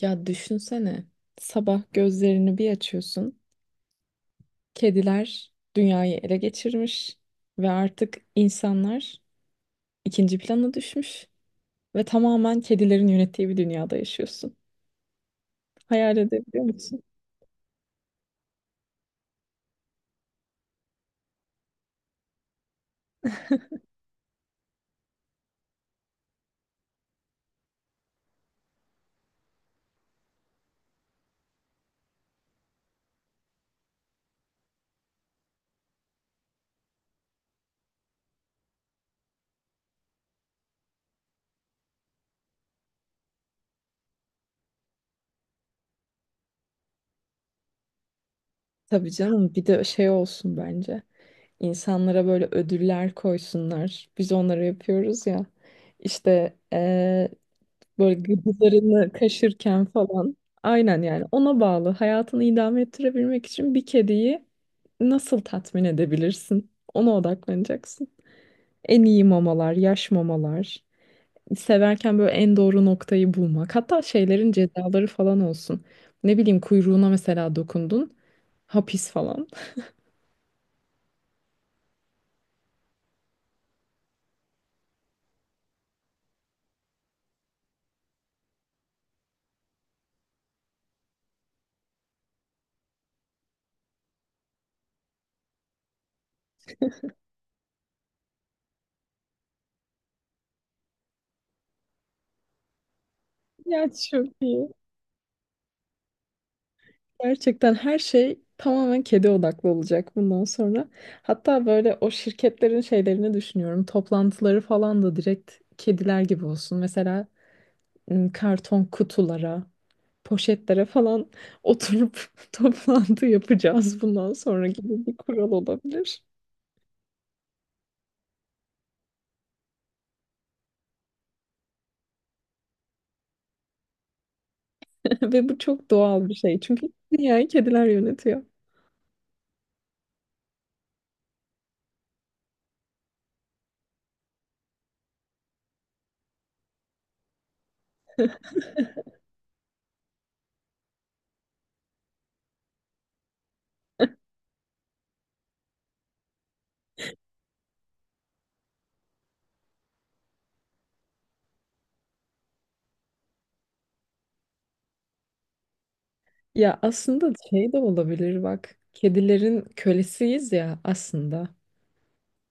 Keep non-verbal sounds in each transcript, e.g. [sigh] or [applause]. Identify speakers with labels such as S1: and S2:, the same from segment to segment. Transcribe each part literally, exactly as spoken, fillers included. S1: Ya düşünsene, sabah gözlerini bir açıyorsun, kediler dünyayı ele geçirmiş ve artık insanlar ikinci plana düşmüş ve tamamen kedilerin yönettiği bir dünyada yaşıyorsun. Hayal edebiliyor musun? Tabii canım, bir de şey olsun bence. İnsanlara böyle ödüller koysunlar. Biz onları yapıyoruz ya. İşte böyle gıdılarını kaşırken falan. Aynen yani ona bağlı. Hayatını idame ettirebilmek için bir kediyi nasıl tatmin edebilirsin? Ona odaklanacaksın. En iyi mamalar, yaş mamalar. Severken böyle en doğru noktayı bulmak. Hatta şeylerin cezaları falan olsun. Ne bileyim kuyruğuna mesela dokundun. Hapis falan. [laughs] Ya çok iyi. Gerçekten her şey tamamen kedi odaklı olacak bundan sonra. Hatta böyle o şirketlerin şeylerini düşünüyorum. Toplantıları falan da direkt kediler gibi olsun. Mesela m, karton kutulara, poşetlere falan oturup [laughs] toplantı yapacağız bundan sonra gibi bir kural olabilir. [laughs] Ve bu çok doğal bir şey. Çünkü dünyayı kediler yönetiyor. Ya aslında şey de olabilir bak. Kedilerin kölesiyiz ya aslında.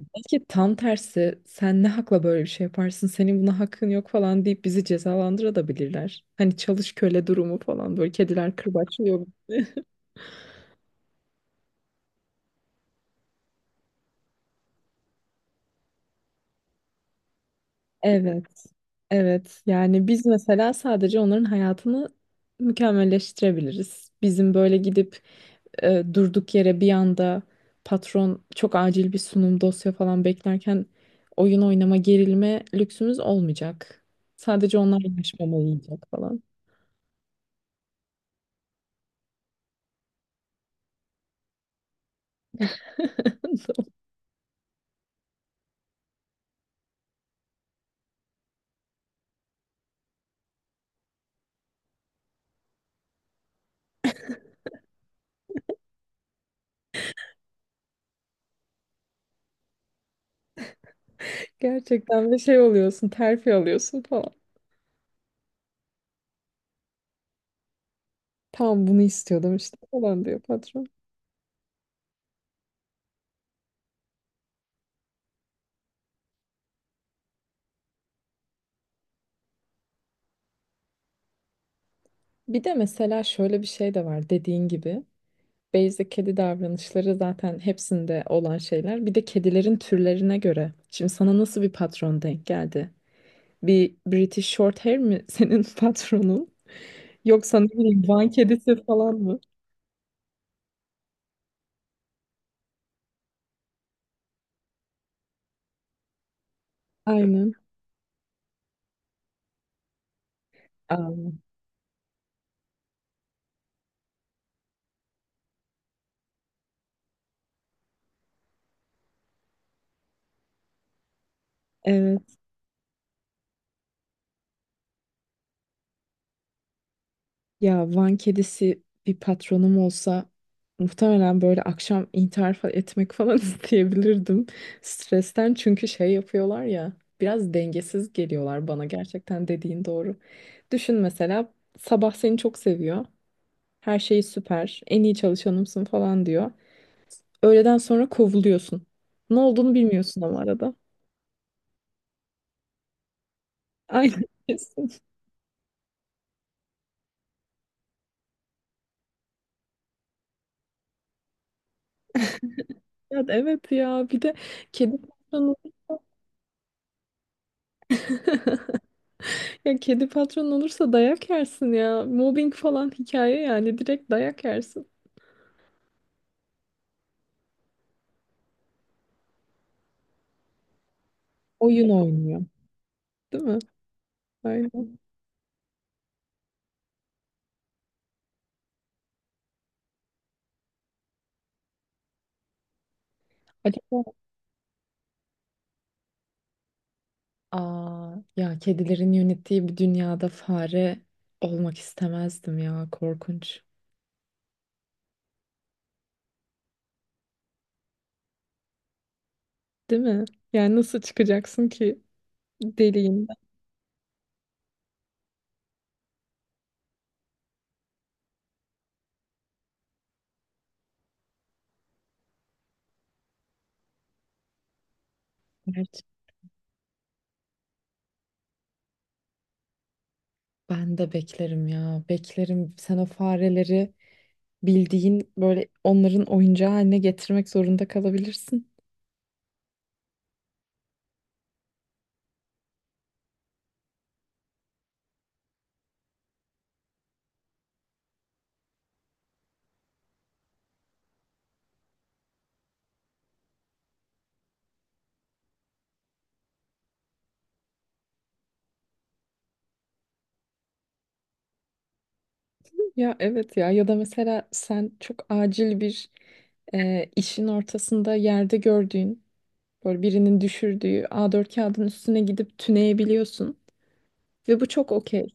S1: Belki tam tersi sen ne hakla böyle bir şey yaparsın senin buna hakkın yok falan deyip bizi cezalandırabilirler. Hani çalış köle durumu falan böyle kediler kırbaçlıyor. Evet, evet. Yani biz mesela sadece onların hayatını mükemmelleştirebiliriz. Bizim böyle gidip e, durduk yere bir anda patron çok acil bir sunum dosya falan beklerken oyun oynama gerilme lüksümüz olmayacak. Sadece onlar yaşamalı yiyecek falan. [laughs] Gerçekten bir şey oluyorsun, terfi alıyorsun falan. Tamam bunu istiyordum işte falan diyor patron. Bir de mesela şöyle bir şey de var dediğin gibi. Basic kedi davranışları zaten hepsinde olan şeyler. Bir de kedilerin türlerine göre. Şimdi sana nasıl bir patron denk geldi? Bir British Shorthair mi [laughs] senin patronun? Yoksa ne bileyim Van kedisi falan mı? Aynen. Aa, evet. Ya Van kedisi bir patronum olsa muhtemelen böyle akşam intihar fa- etmek falan [laughs] isteyebilirdim. Stresten çünkü şey yapıyorlar ya biraz dengesiz geliyorlar bana gerçekten dediğin doğru. Düşün mesela sabah seni çok seviyor. Her şeyi süper, en iyi çalışanımsın falan diyor. Öğleden sonra kovuluyorsun. Ne olduğunu bilmiyorsun ama arada. Aynen [laughs] kesin. Ya, evet ya bir de kedi patronu. [laughs] Ya kedi patron olursa dayak yersin ya. Mobbing falan hikaye yani direkt dayak yersin. Oyun oynuyor. Değil mi? Aynen. Acaba aa, ya kedilerin yönettiği bir dünyada fare olmak istemezdim ya korkunç. Değil mi? Yani nasıl çıkacaksın ki deliğin? Evet. Ben de beklerim ya beklerim. Sen o fareleri bildiğin böyle onların oyuncağı haline getirmek zorunda kalabilirsin. Ya evet ya ya da mesela sen çok acil bir e, işin ortasında yerde gördüğün böyle birinin düşürdüğü A dört kağıdın üstüne gidip tüneyebiliyorsun ve bu çok okey.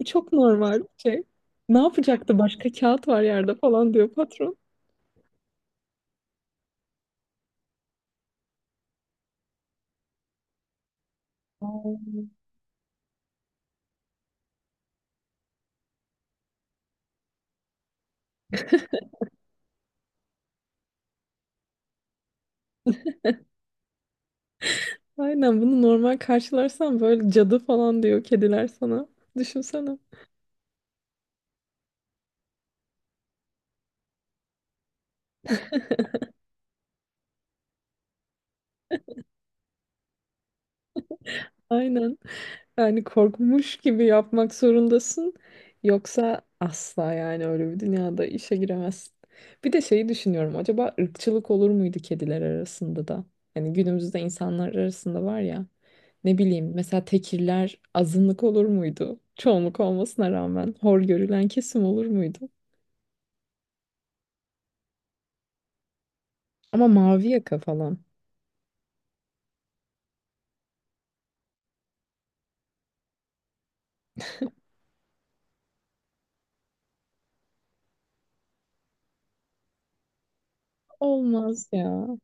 S1: Bu çok normal bir şey. Ne yapacaktı başka kağıt var yerde falan diyor patron. Ay. Aynen bunu normal karşılarsan böyle cadı falan diyor kediler sana. Düşünsene. Aynen. Yani korkmuş gibi yapmak zorundasın. Yoksa asla yani öyle bir dünyada işe giremezsin. Bir de şeyi düşünüyorum. Acaba ırkçılık olur muydu kediler arasında da? Yani günümüzde insanlar arasında var ya. Ne bileyim mesela tekirler azınlık olur muydu? Çoğunluk olmasına rağmen hor görülen kesim olur muydu? Ama mavi yaka falan. Olmaz ya.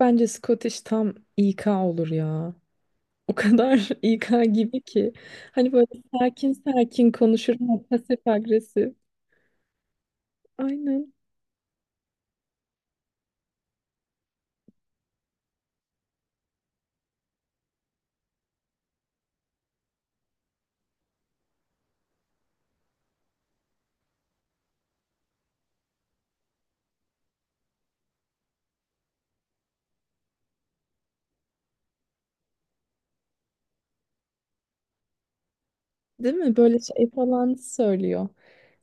S1: Bence Scottish tam İK olur ya. O kadar [laughs] İK gibi ki. Hani böyle sakin sakin konuşur ama pasif agresif. Aynen. Değil mi? Böyle şey falan söylüyor.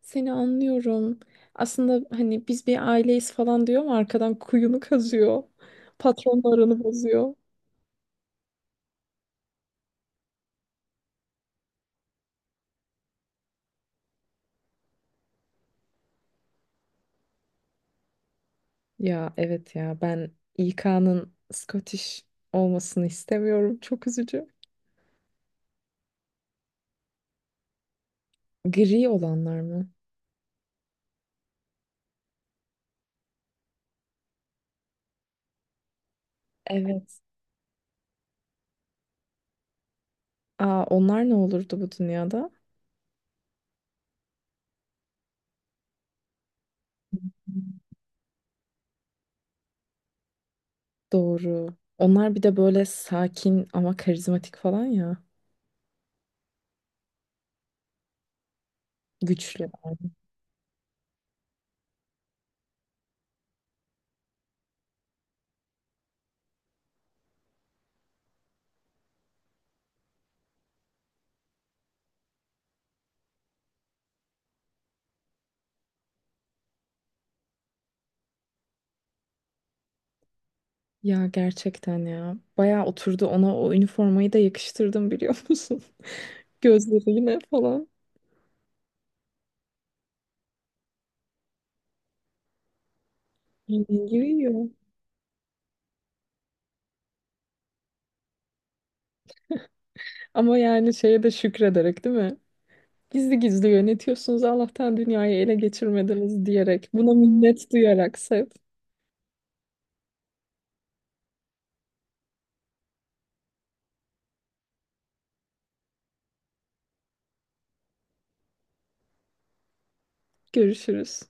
S1: Seni anlıyorum. Aslında hani biz bir aileyiz falan diyor ama arkadan kuyunu kazıyor. Patronlarını bozuyor. Ya evet ya ben İK'nın Scottish olmasını istemiyorum. Çok üzücü. Gri olanlar mı? Evet. Aa, onlar ne olurdu bu dünyada? Doğru. Onlar bir de böyle sakin ama karizmatik falan ya. Güçlü. Ya gerçekten ya. Bayağı oturdu ona o üniformayı da yakıştırdım biliyor musun? [laughs] Gözlerine falan. Giriyor. Ama yani şeye de şükrederek değil mi? Gizli gizli yönetiyorsunuz Allah'tan dünyayı ele geçirmediniz diyerek. Buna minnet duyarak sev. Görüşürüz.